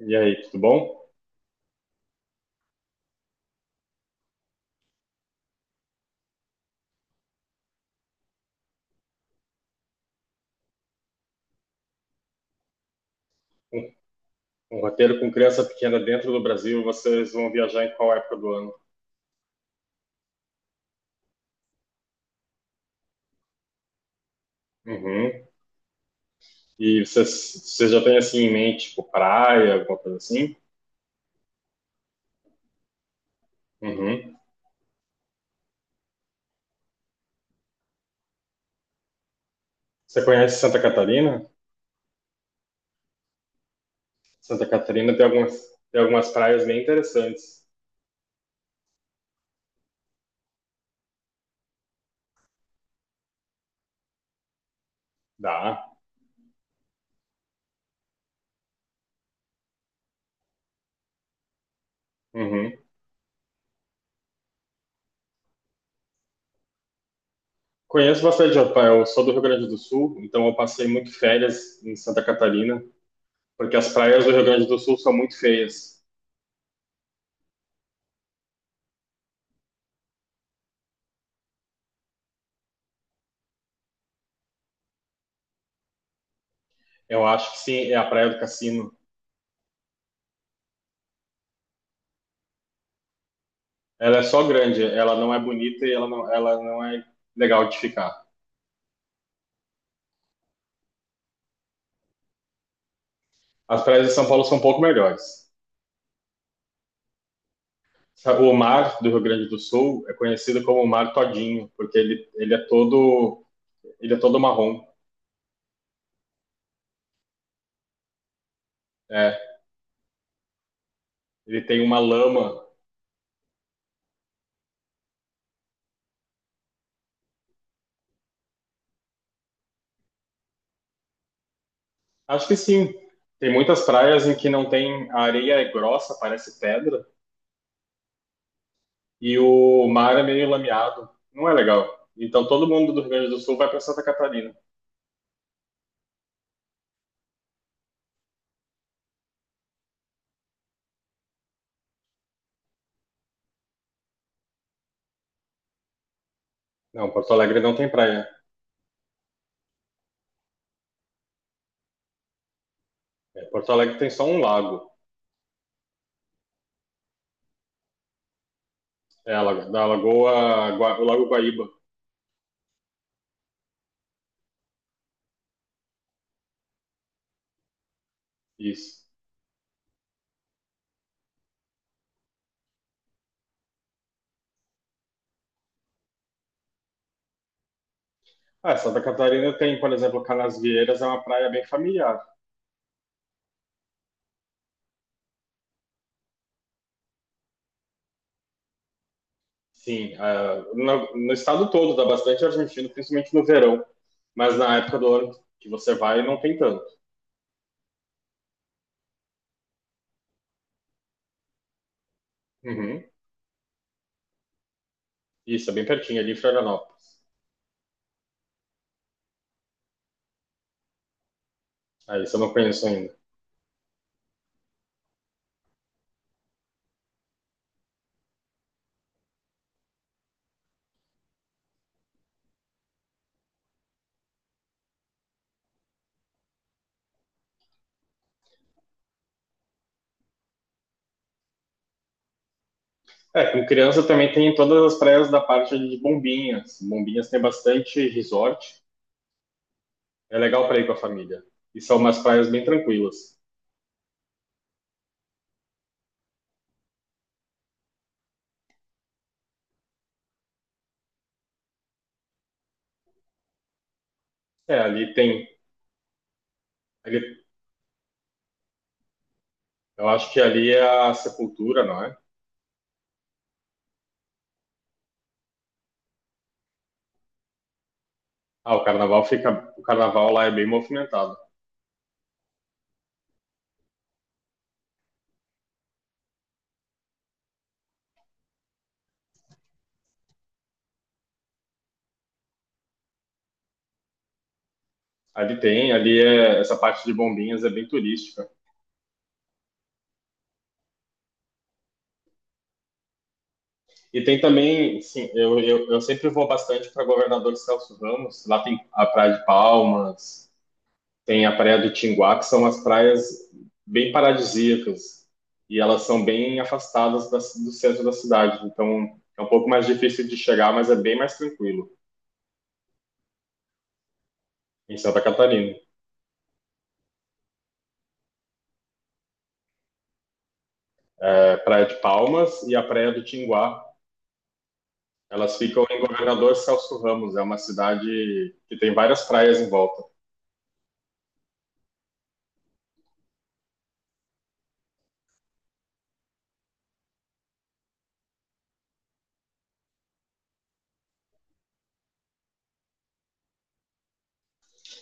E aí, tudo bom? Um, um roteiro com criança pequena dentro do Brasil, vocês vão viajar em qual época do ano? Uhum. E vocês já têm assim em mente, tipo, praia, alguma coisa assim? Uhum. Você conhece Santa Catarina? Santa Catarina tem algumas praias bem interessantes. Dá. Uhum. Conheço bastante, eu sou do Rio Grande do Sul, então eu passei muito férias em Santa Catarina, porque as praias do Rio Grande do Sul são muito feias. Eu acho que sim, é a Praia do Cassino. Ela é só grande, ela não é bonita e ela não é legal de ficar. As praias de São Paulo são um pouco melhores. O mar do Rio Grande do Sul é conhecido como o mar todinho, porque ele é todo, ele é todo marrom. É, ele tem uma lama. Acho que sim. Tem muitas praias em que não tem, a areia é grossa, parece pedra, e o mar é meio lameado. Não é legal. Então todo mundo do Rio Grande do Sul vai para Santa Catarina. Não, Porto Alegre não tem praia. É, Porto Alegre tem só um lago. É, da Lagoa, o Lago Guaíba. Isso. Ah, Santa Catarina tem, por exemplo, Canasvieiras, é uma praia bem familiar. Sim, ah, no estado todo dá bastante argentino, principalmente no verão. Mas na época do ano que você vai, não tem tanto. Uhum. Isso, é bem pertinho, ali em Florianópolis. Ah, isso eu não conheço ainda. É, com criança também tem todas as praias da parte ali de Bombinhas. Bombinhas tem bastante resort. É legal para ir com a família. E são umas praias bem tranquilas. É, ali tem, ali eu acho que ali é a sepultura, não é? Ah, o carnaval fica, o carnaval lá é bem movimentado. Ali tem, ali é, essa parte de bombinhas é bem turística. E tem também, sim, eu sempre vou bastante para Governador Celso Ramos. Lá tem a Praia de Palmas, tem a Praia do Tinguá, que são as praias bem paradisíacas. E elas são bem afastadas do centro da cidade. Então é um pouco mais difícil de chegar, mas é bem mais tranquilo. Em Santa Catarina. É a Praia de Palmas e a Praia do Tinguá. Elas ficam em Governador Celso Ramos, é uma cidade que tem várias praias em volta.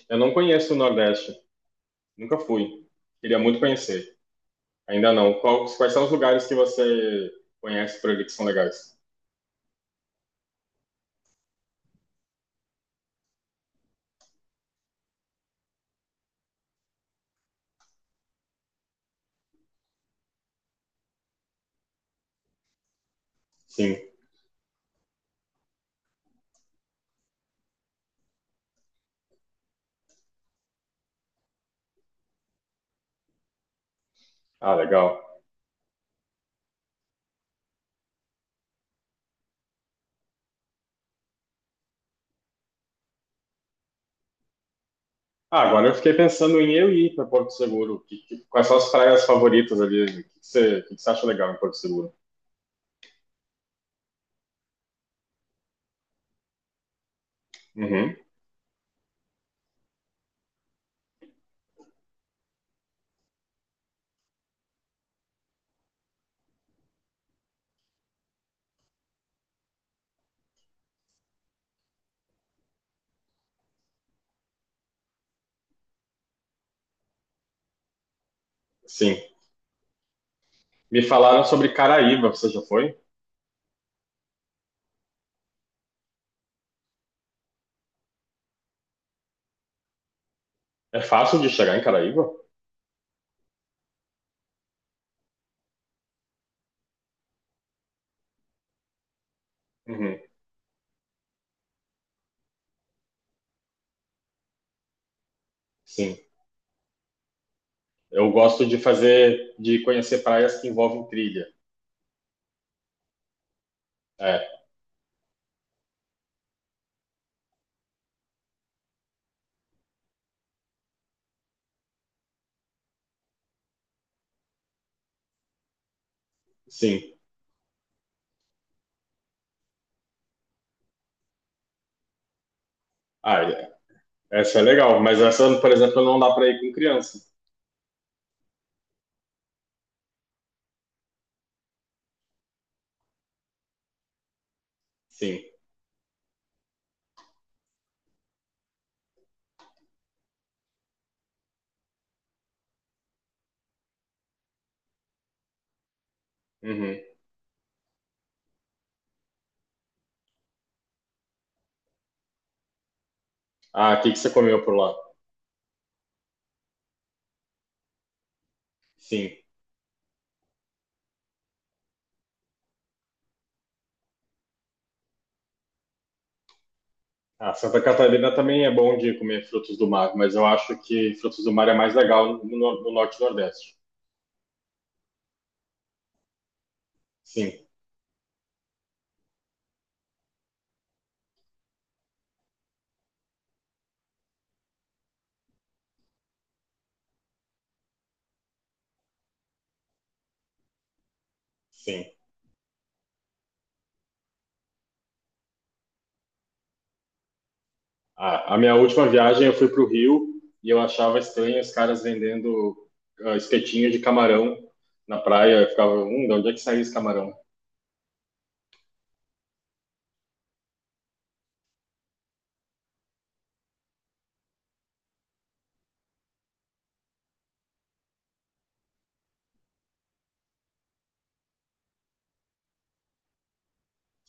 Eu não conheço o Nordeste, nunca fui. Queria muito conhecer, ainda não. Qual- Quais são os lugares que você conhece por aqui que são legais? Sim. Ah, legal. Ah, agora eu fiquei pensando em eu ir para Porto Seguro. Que- Quais são as praias favoritas ali? O que que você, o que que você acha legal em Porto Seguro? Uhum, sim. Me falaram sobre Caraíva, você já foi? É fácil de chegar em Caraíva? Uhum, sim. Eu gosto de fazer, de conhecer praias que envolvem trilha. É, sim. Ah, é, essa é legal, mas essa, por exemplo, não dá para ir com criança. Sim. Uhum. Ah, o que que você comeu por lá? Sim. Ah, Santa Catarina também é bom de comer frutos do mar, mas eu acho que frutos do mar é mais legal no norte e nordeste. Sim, sim. Ah, a minha última viagem eu fui para o Rio e eu achava estranho os caras vendendo ah, espetinho de camarão na praia. Eu ficava, de onde é que saiu esse camarão?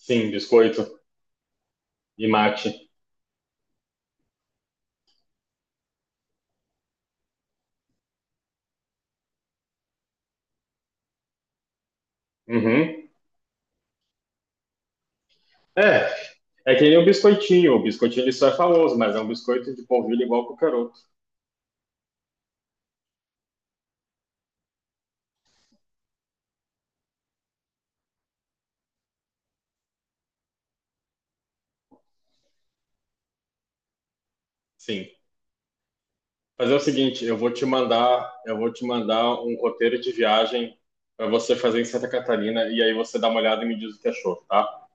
Sim, biscoito e mate. Uhum. É, é que nem o biscoitinho. O biscoitinho ele só é famoso, mas é um biscoito de polvilho igual qualquer outro. Sim. Fazer o seguinte, eu vou te mandar um roteiro de viagem para você fazer em Santa Catarina e aí você dá uma olhada e me diz o que achou, tá?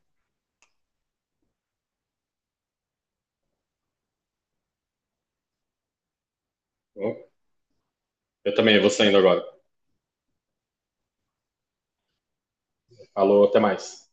Eu também vou saindo agora. Falou, até mais.